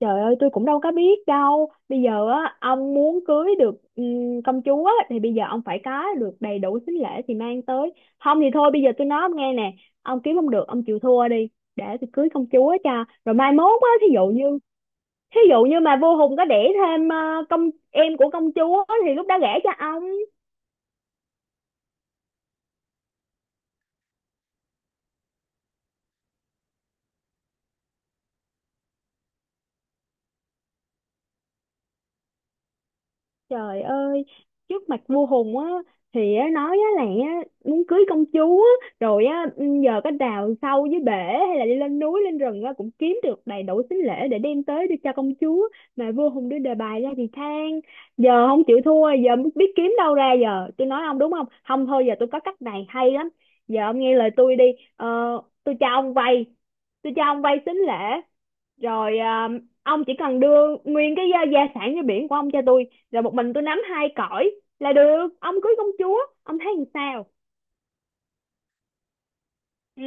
Trời ơi, tôi cũng đâu có biết đâu. Bây giờ á ông muốn cưới được công chúa á, thì bây giờ ông phải có được đầy đủ sính lễ thì mang tới. Không thì thôi, bây giờ tôi nói ông nghe nè. Ông kiếm không được ông chịu thua đi. Để tôi cưới công chúa cho. Rồi mai mốt á, thí dụ như, thí dụ như mà vô Hùng có đẻ thêm công em của công chúa thì lúc đó gả cho ông. Trời ơi, trước mặt vua Hùng á thì á, nói á là á, muốn cưới công chúa á, rồi á giờ có đào sâu dưới bể, hay là đi lên núi lên rừng á cũng kiếm được đầy đủ sính lễ để đem tới đưa cho công chúa, mà vua Hùng đưa đề bài ra thì than. Giờ không chịu thua, giờ biết kiếm đâu ra, giờ tôi nói ông đúng không? Không thôi giờ tôi có cách này hay lắm. Giờ ông nghe lời tôi đi. Ờ, tôi cho ông vay tôi cho ông vay sính lễ, rồi à, ông chỉ cần đưa nguyên cái gia sản như biển của ông cho tôi, rồi một mình tôi nắm hai cõi là được, ông cưới công chúa. Ông thấy làm sao? Ừ.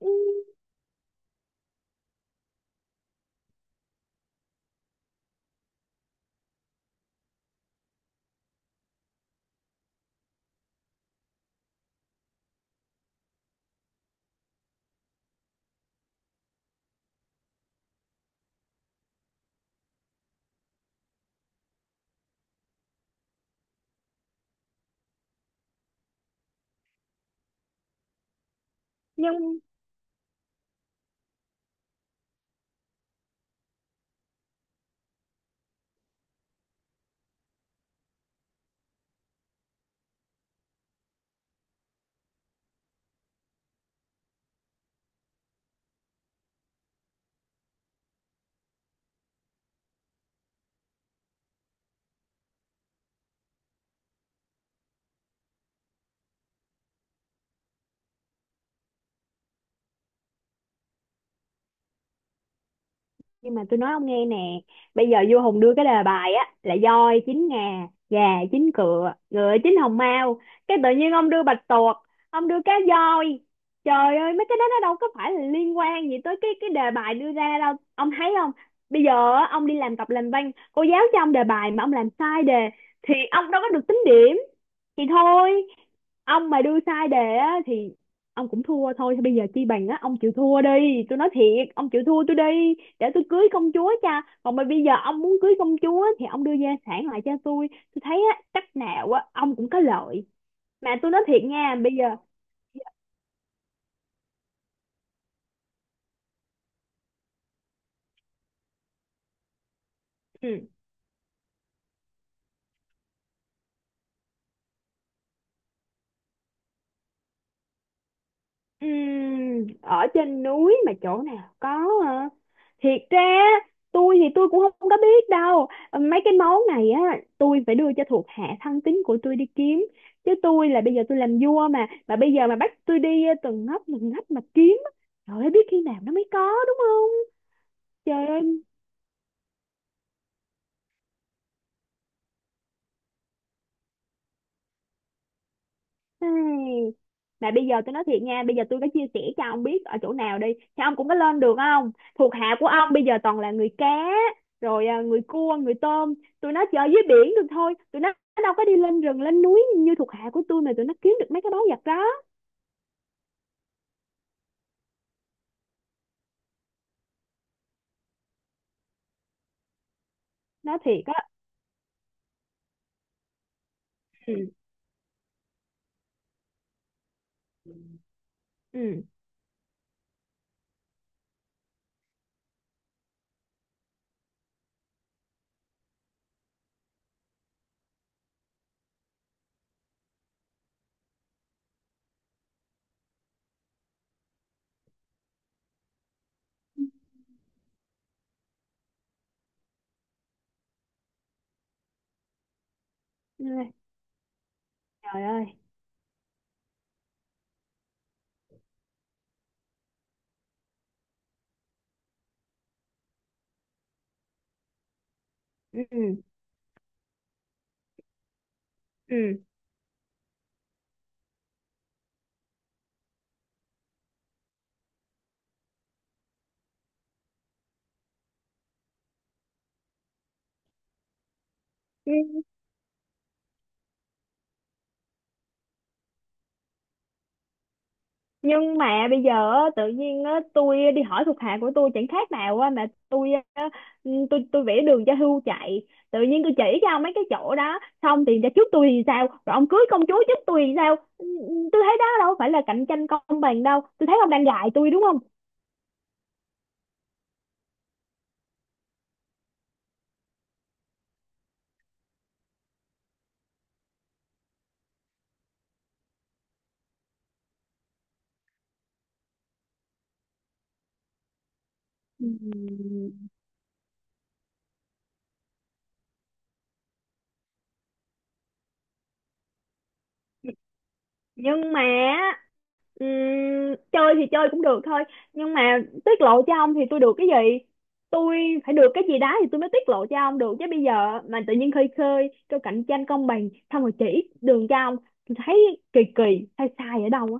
Ừ, nhưng nhưng mà tôi nói ông nghe nè. Bây giờ vua Hùng đưa cái đề bài á là voi chín ngà, gà chín cựa, ngựa chín hồng mao, cái tự nhiên ông đưa bạch tuộc, ông đưa cá voi. Trời ơi, mấy cái đó nó đâu có phải là liên quan gì tới cái đề bài đưa ra đâu, ông thấy không? Bây giờ á, ông đi làm tập làm văn, cô giáo cho ông đề bài mà ông làm sai đề thì ông đâu có được tính điểm. Thì thôi, ông mà đưa sai đề á thì ông cũng thua thôi. Thì bây giờ chi bằng á ông chịu thua đi, tôi nói thiệt, ông chịu thua tôi đi, để tôi cưới công chúa cha còn. Mà bây giờ ông muốn cưới công chúa thì ông đưa gia sản lại cho tôi. Tôi thấy á, cách nào á, ông cũng có lợi, mà tôi nói thiệt nha bây giờ. Ừ, ở trên núi mà chỗ nào có thiệt ra tôi thì tôi cũng không có biết đâu mấy cái món này á. Tôi phải đưa cho thuộc hạ thân tín của tôi đi kiếm, chứ tôi là bây giờ tôi làm vua mà bây giờ mà bắt tôi đi từng ngóc từng ngách mà kiếm á, trời ơi biết khi nào nó mới có, đúng không? Trời ơi. Ây, mà bây giờ tôi nói thiệt nha, bây giờ tôi có chia sẻ cho ông biết ở chỗ nào đi, thì ông cũng có lên được không? Thuộc hạ của ông bây giờ toàn là người cá, rồi à, người cua, người tôm, tụi nó chơi dưới biển được thôi, tụi nó đâu có đi lên rừng, lên núi như thuộc hạ của tôi mà tụi nó kiếm được mấy cái báu vật đó, nói thiệt á. Ừ, ừ, ừ, trời ơi, ừ, ừ. Nhưng mà bây giờ á, tự nhiên á, tôi đi hỏi thuộc hạ của tôi chẳng khác nào á, mà tôi á, ừ, tôi vẽ đường cho hươu chạy. Tự nhiên tôi chỉ cho ông mấy cái chỗ đó xong thì cho trước tôi thì sao, rồi ông cưới công chúa trước tôi thì sao? Ừ, ừ, tôi thấy đó đâu phải là cạnh tranh công bằng đâu, tôi thấy ông đang gài tôi đúng không? Ừ, nhưng mà ừm, chơi thì chơi cũng được thôi, nhưng mà tiết lộ cho ông thì tôi được cái gì? Tôi phải được cái gì đó thì tôi mới tiết lộ cho ông được chứ. Bây giờ mà tự nhiên khơi khơi kêu cạnh tranh công bằng xong rồi chỉ đường cho ông, tôi thấy kỳ kỳ, hay sai ở đâu á.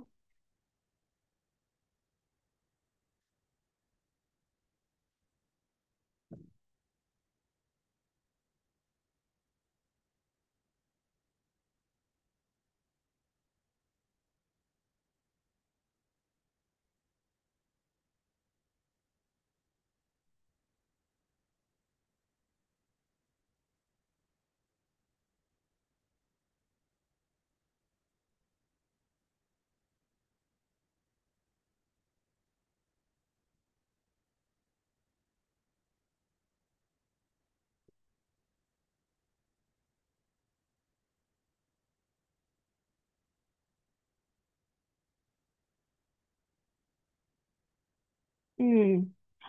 Ừ.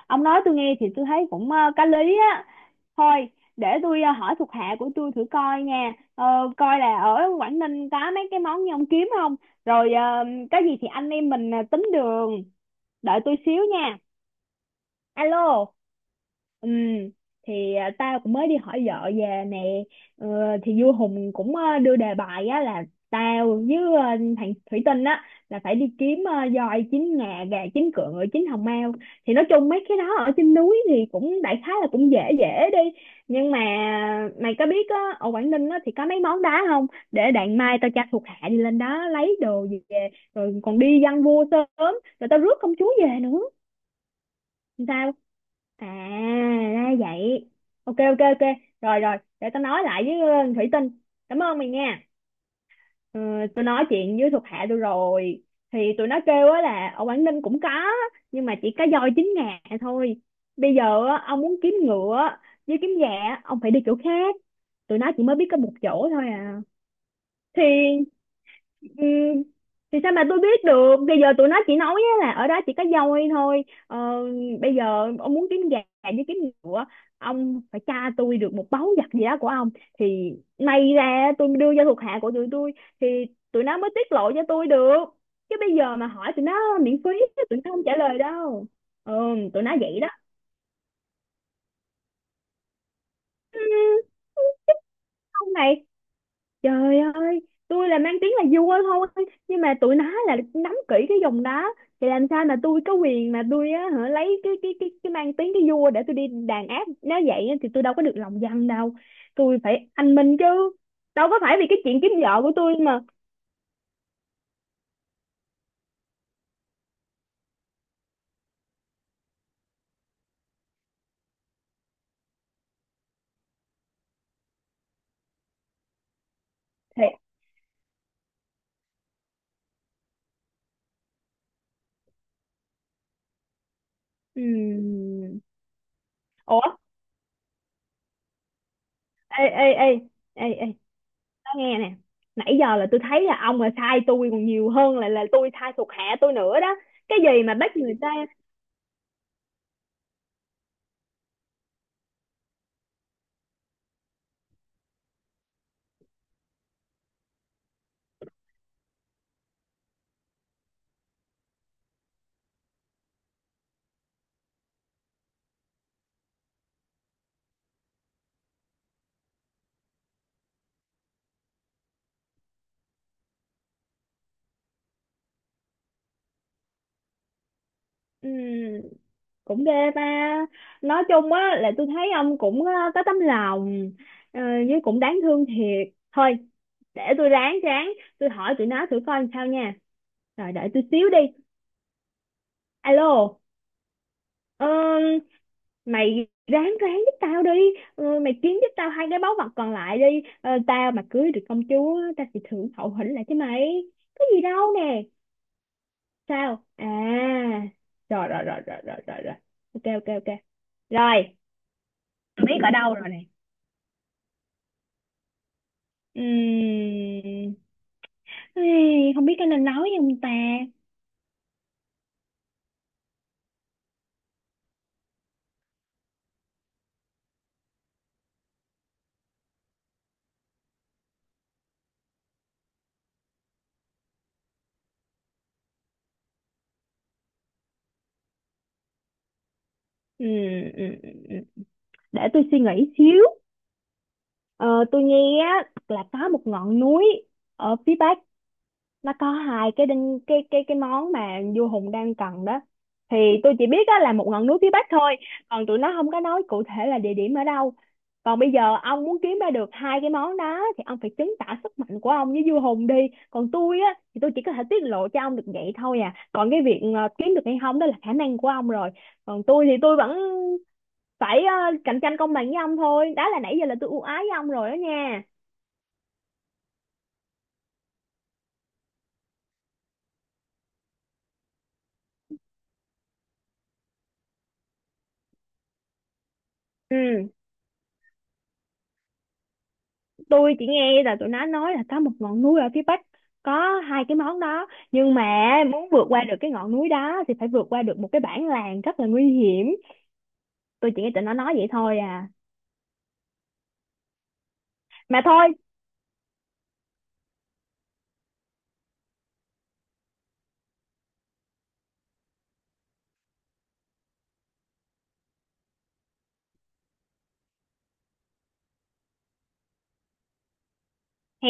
Ông nói tôi nghe thì tôi thấy cũng có lý á. Thôi để tôi hỏi thuộc hạ của tôi thử coi nha. Ờ, coi là ở Quảng Ninh có mấy cái món như ông kiếm không, rồi có gì thì anh em mình tính đường. Đợi tôi xíu nha. Alo. Ừ, thì à, tao cũng mới đi hỏi vợ về nè. Ờ, thì vua Hùng cũng đưa đề bài á là tao với thằng Thủy Tinh á là phải đi kiếm voi chín ngà, gà chín cựa, ngựa chín hồng mao. Thì nói chung mấy cái đó ở trên núi thì cũng đại khái là cũng dễ dễ đi. Nhưng mà mày có biết á ở Quảng Ninh á thì có mấy món đá không, để đặng mai tao cho thuộc hạ đi lên đó lấy đồ về, rồi còn đi văn vua sớm rồi tao rước công chúa về nữa. Sao? À, ra vậy. Ok, ok, ok. Rồi, rồi, để tao nói lại với Thủy Tinh. Cảm ơn mày nha. Ừ, tôi nói chuyện với thuộc hạ tôi rồi, thì tụi nó kêu á là ở Quảng Ninh cũng có, nhưng mà chỉ có voi chín ngà thôi. Bây giờ á, ông muốn kiếm ngựa với kiếm gà á, ông phải đi chỗ khác. Tụi nó chỉ mới biết có một chỗ thôi à. Thì ừ, thì sao mà tôi biết được, bây giờ tụi nó chỉ nói á là ở đó chỉ có voi thôi. Ờ, Bây giờ ông muốn kiếm gà với kiếm ngựa, ông phải tra tôi được một báu vật gì đó của ông thì may ra tôi đưa cho thuộc hạ của tụi tôi, thì tụi nó mới tiết lộ cho tôi được. Chứ bây giờ mà hỏi tụi nó miễn phí tụi nó không trả lời đâu. Ừ, tụi nó vậy đó ông này. Trời ơi, tôi là mang tiếng là vua thôi, nhưng mà tụi nó là nắm kỹ cái vùng đó, thì làm sao mà tôi có quyền mà tôi á, hả, lấy cái mang tiếng cái vua để tôi đi đàn áp, nếu vậy á, thì tôi đâu có được lòng dân đâu. Tôi phải anh minh chứ. Đâu có phải vì cái chuyện kiếm vợ của tôi mà. Thì ừm, ủa, ê ê ê ê ê, tao nghe nè. Nãy giờ là tôi thấy là ông là sai tôi còn nhiều hơn là tôi sai thuộc hạ tôi nữa đó. Cái gì mà bắt người ta. Ừ, cũng ghê ta. Nói chung á là tôi thấy ông cũng có tấm lòng ờ, với cũng đáng thương thiệt. Thôi để tôi ráng ráng tôi hỏi tụi nó thử coi làm sao nha, rồi đợi tôi xíu đi. Alo. Ờ, mày ráng ráng giúp tao đi. Mày kiếm giúp tao hai cái báu vật còn lại đi. Ờ, tao mà cưới được công chúa tao sẽ thưởng hậu hĩnh lại cho mày. Có gì đâu nè. Sao? À, rồi rồi rồi rồi rồi rồi rồi, ok ok ok, rồi biết ở đâu rồi nè. Ừm, Ê, không biết có nên nói không ta? Ừm, ừm, ừm, ừm. Để tôi suy nghĩ xíu. Ờ, tôi nghe á, là có một ngọn núi ở phía Bắc, nó có hai cái đinh cái món mà vua Hùng đang cần đó. Thì tôi chỉ biết đó là một ngọn núi phía Bắc thôi. Còn tụi nó không có nói cụ thể là địa điểm ở đâu. Còn bây giờ ông muốn kiếm ra được hai cái món đó thì ông phải chứng tỏ sức mạnh của ông với vua Hùng đi. Còn tôi á thì tôi chỉ có thể tiết lộ cho ông được vậy thôi à. Còn cái việc kiếm được hay không đó là khả năng của ông rồi. Còn tôi thì tôi vẫn phải cạnh tranh công bằng với ông thôi, đó là nãy giờ là tôi ưu ái với ông rồi đó nha. Ừ, tôi chỉ nghe là tụi nó nói là có một ngọn núi ở phía Bắc có hai cái món đó, nhưng mà muốn vượt qua được cái ngọn núi đó thì phải vượt qua được một cái bản làng rất là nguy hiểm. Tôi chỉ nghe tụi nó nói vậy thôi à. Mà thôi, hè.